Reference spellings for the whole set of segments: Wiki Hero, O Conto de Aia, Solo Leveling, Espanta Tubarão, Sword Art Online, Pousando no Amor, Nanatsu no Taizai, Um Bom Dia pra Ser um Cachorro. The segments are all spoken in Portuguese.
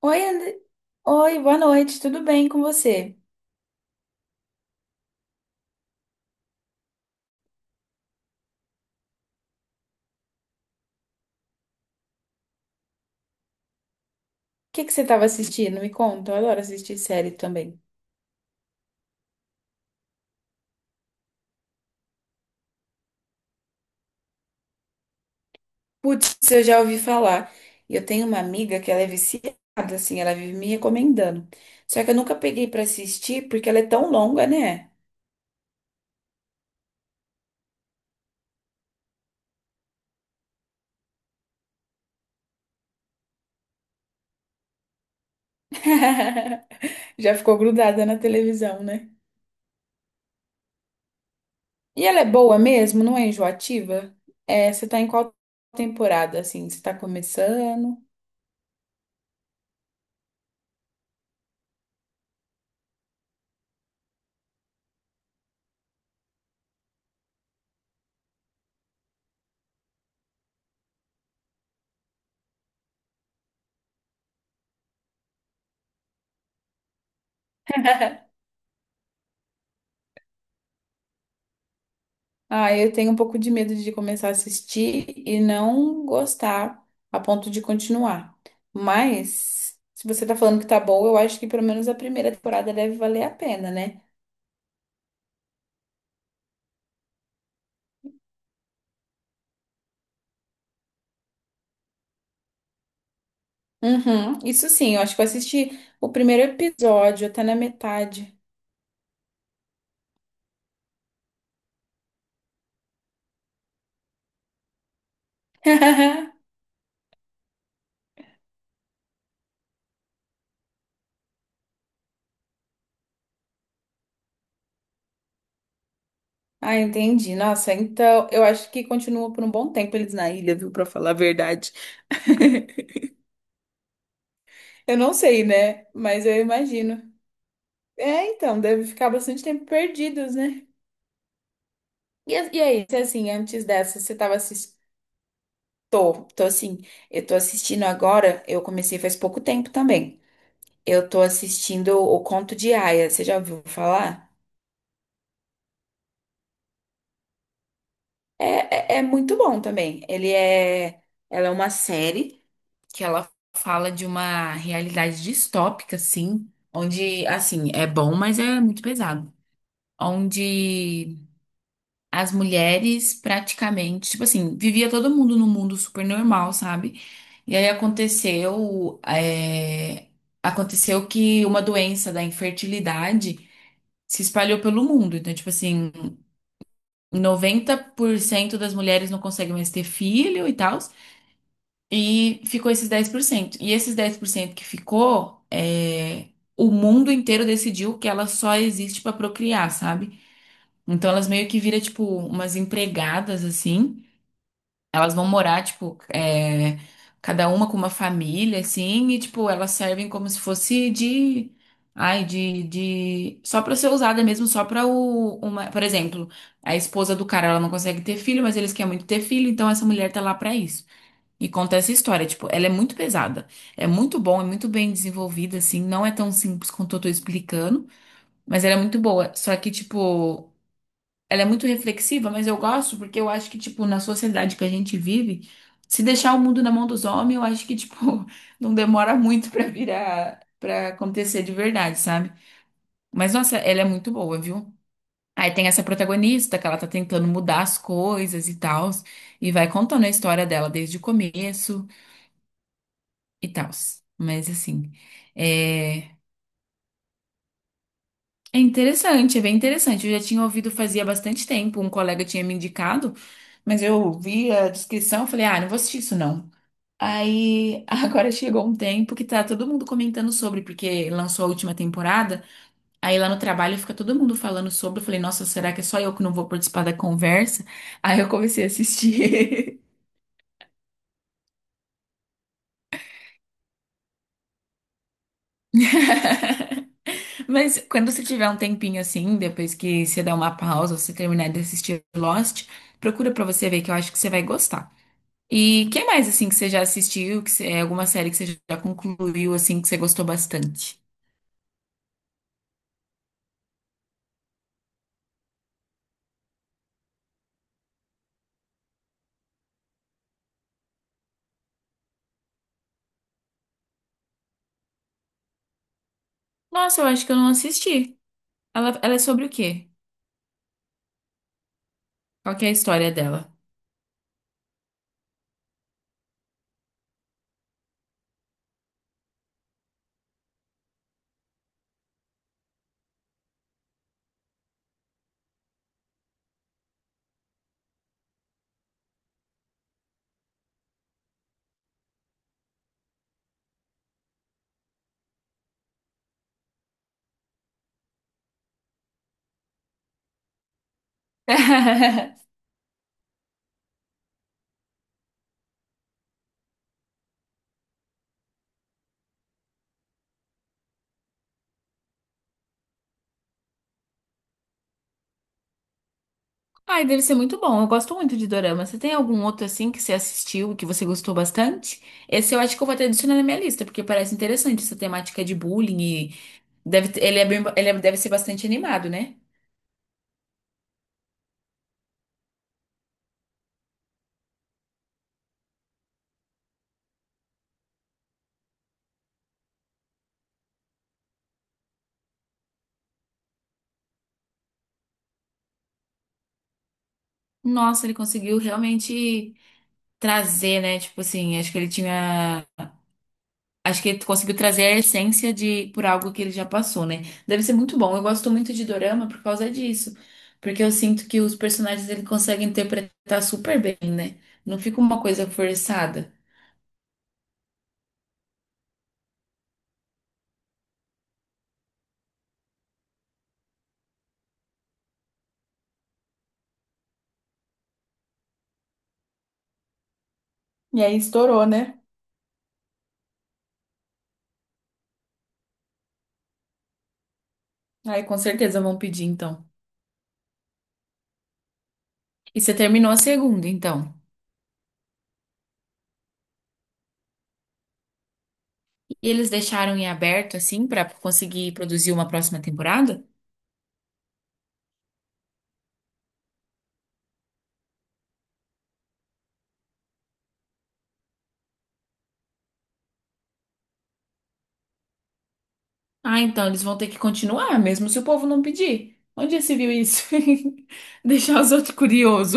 Oi, Oi, boa noite, tudo bem com você? O que que você estava assistindo? Me conta, eu adoro assistir série também. Putz, eu já ouvi falar. E eu tenho uma amiga que ela é viciada, assim, ela vive me recomendando. Só que eu nunca peguei pra assistir porque ela é tão longa, né? Já ficou grudada na televisão, né? E ela é boa mesmo, não é enjoativa? É, você tá em qual temporada, assim? Você tá começando? Ah, eu tenho um pouco de medo de começar a assistir e não gostar a ponto de continuar. Mas, se você tá falando que tá boa, eu acho que pelo menos a primeira temporada deve valer a pena, né? Uhum, isso sim, eu acho que eu assisti o primeiro episódio, até na metade. Ah, entendi. Nossa, então eu acho que continua por um bom tempo eles na ilha, viu? Pra falar a verdade. Eu não sei, né? Mas eu imagino. É, então, deve ficar bastante tempo perdidos, né? E, e aí, se assim, antes dessa, você tava assistindo. Tô assim, eu tô assistindo agora, eu comecei faz pouco tempo também. Eu tô assistindo O Conto de Aia, você já ouviu falar? É muito bom também. Ele é. Ela é uma série que ela fala de uma realidade distópica, assim, onde, assim, é bom, mas é muito pesado. Onde as mulheres praticamente, tipo assim, vivia todo mundo num mundo super normal, sabe? E aí aconteceu, aconteceu que uma doença da infertilidade se espalhou pelo mundo. Então, tipo assim, 90% das mulheres não conseguem mais ter filho e tal, e ficou esses 10%. E esses 10% que ficou, o mundo inteiro decidiu que ela só existe pra procriar, sabe? Então elas meio que viram, tipo, umas empregadas assim. Elas vão morar, tipo, cada uma com uma família, assim, e, tipo, elas servem como se fosse de. Ai, Só pra ser usada mesmo, só pra o... Uma... Por exemplo, a esposa do cara, ela não consegue ter filho, mas eles querem muito ter filho, então essa mulher tá lá pra isso. E conta essa história, tipo, ela é muito pesada. É muito bom, é muito bem desenvolvida, assim, não é tão simples quanto eu tô explicando, mas ela é muito boa. Só que, tipo, ela é muito reflexiva, mas eu gosto porque eu acho que, tipo, na sociedade que a gente vive, se deixar o mundo na mão dos homens, eu acho que, tipo, não demora muito pra virar, pra acontecer de verdade, sabe? Mas, nossa, ela é muito boa, viu? Aí tem essa protagonista que ela tá tentando mudar as coisas e tal, e vai contando a história dela desde o começo e tal. Mas, assim, é, é interessante, é bem interessante. Eu já tinha ouvido fazia bastante tempo, um colega tinha me indicado, mas eu vi a descrição e falei, ah, não vou assistir isso não. Aí agora chegou um tempo que tá todo mundo comentando sobre, porque lançou a última temporada. Aí lá no trabalho fica todo mundo falando sobre. Eu falei, nossa, será que é só eu que não vou participar da conversa? Aí eu comecei a assistir. Mas quando você tiver um tempinho assim, depois que você der uma pausa, você terminar de assistir Lost, procura pra você ver que eu acho que você vai gostar. E que mais assim que você já assistiu, que é alguma série que você já concluiu assim que você gostou bastante? Nossa, eu acho que eu não assisti. Ela é sobre o quê? Qual que é a história dela? Ai, deve ser muito bom. Eu gosto muito de dorama. Você tem algum outro assim que você assistiu e que você gostou bastante? Esse eu acho que eu vou até adicionar na minha lista, porque parece interessante essa temática de bullying e deve, ele é ele deve ser bastante animado, né? Nossa, ele conseguiu realmente trazer, né? Tipo assim, acho que ele conseguiu trazer a essência de por algo que ele já passou, né? Deve ser muito bom. Eu gosto muito de dorama por causa disso, porque eu sinto que os personagens ele consegue interpretar super bem, né? Não fica uma coisa forçada. E aí estourou, né? Aí com certeza vão pedir então. E você terminou a segunda, então. E eles deixaram em aberto assim pra conseguir produzir uma próxima temporada? Ah, então eles vão ter que continuar, mesmo se o povo não pedir. Onde já se viu isso? Deixar os outros curiosos.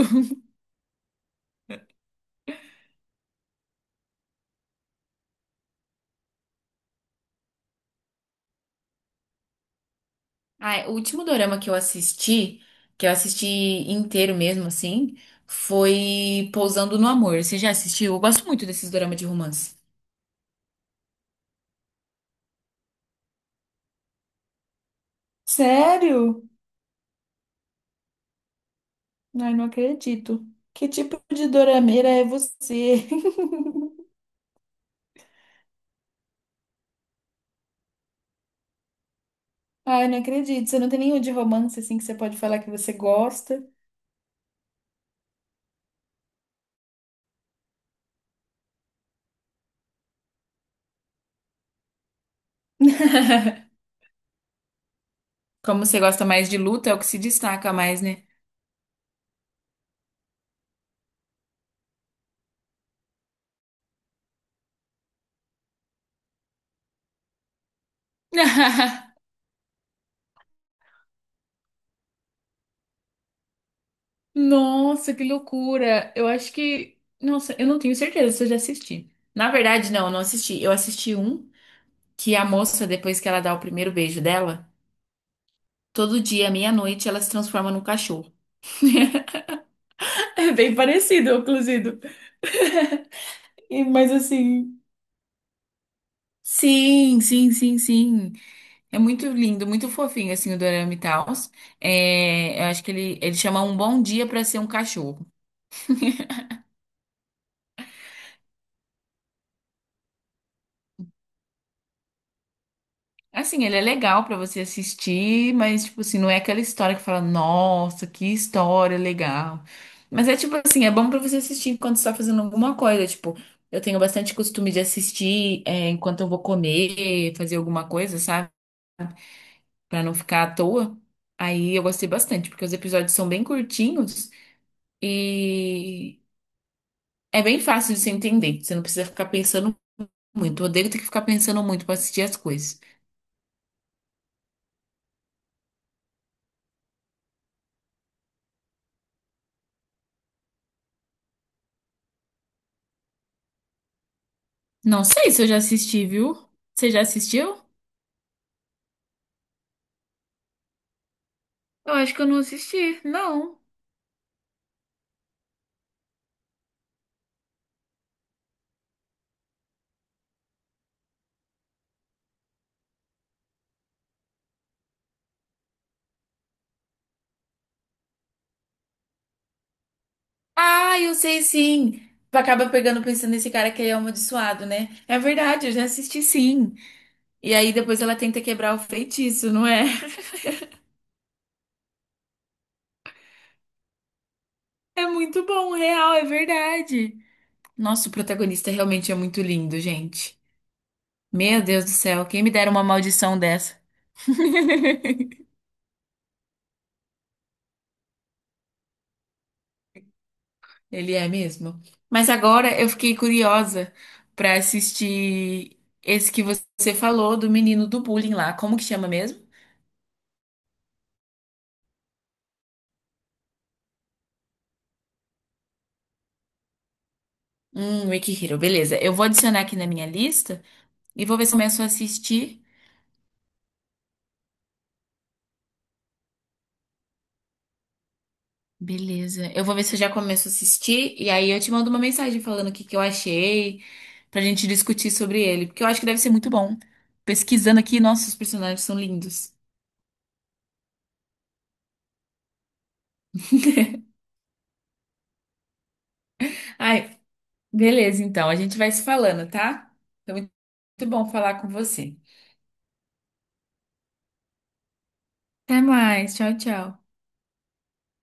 Ah, o último dorama que eu assisti inteiro mesmo, assim, foi Pousando no Amor. Você já assistiu? Eu gosto muito desses doramas de romance. Sério? Ai, não acredito. Que tipo de dorameira é você? Ai, não acredito. Você não tem nenhum de romance assim que você pode falar que você gosta? Como você gosta mais de luta, é o que se destaca mais, né? Nossa, que loucura! Eu acho que. Nossa, eu não tenho certeza se eu já assisti. Na verdade, não, eu não assisti. Eu assisti um que a moça, depois que ela dá o primeiro beijo dela, todo dia, meia-noite, ela se transforma num cachorro. É bem parecido, inclusive. Mas assim. Sim, sim, sim, sim. É muito lindo, muito fofinho, assim, o Dorama e tal. Eu acho que ele chama Um Bom Dia pra Ser um Cachorro. Assim, ele é legal pra você assistir, mas, tipo assim, não é aquela história que fala, nossa, que história legal. Mas é tipo assim, é bom pra você assistir enquanto você tá fazendo alguma coisa. Tipo, eu tenho bastante costume de assistir, enquanto eu vou comer, fazer alguma coisa, sabe? Pra não ficar à toa. Aí eu gostei bastante, porque os episódios são bem curtinhos e é bem fácil de você entender. Você não precisa ficar pensando muito. Eu odeio ter que ficar pensando muito pra assistir as coisas. Não sei se eu já assisti, viu? Você já assistiu? Eu acho que eu não assisti. Não. Ah, eu sei sim. Tu acaba pegando pensando nesse cara que ele é amaldiçoado, né? É verdade, eu já assisti sim. E aí depois ela tenta quebrar o feitiço, não é? É muito bom, real, é verdade. Nossa, o protagonista realmente é muito lindo, gente. Meu Deus do céu, quem me dera uma maldição dessa? Ele é mesmo. Mas agora eu fiquei curiosa pra assistir esse que você falou do menino do bullying lá. Como que chama mesmo? Wiki Hero, beleza. Eu vou adicionar aqui na minha lista e vou ver se eu começo a assistir. Beleza. Eu vou ver se eu já começo a assistir e aí eu te mando uma mensagem falando o que que eu achei, pra gente discutir sobre ele, porque eu acho que deve ser muito bom. Pesquisando aqui, nossa, os personagens são lindos. Ai, beleza, então. A gente vai se falando, tá? Foi muito bom falar com você. Até mais. Tchau, tchau.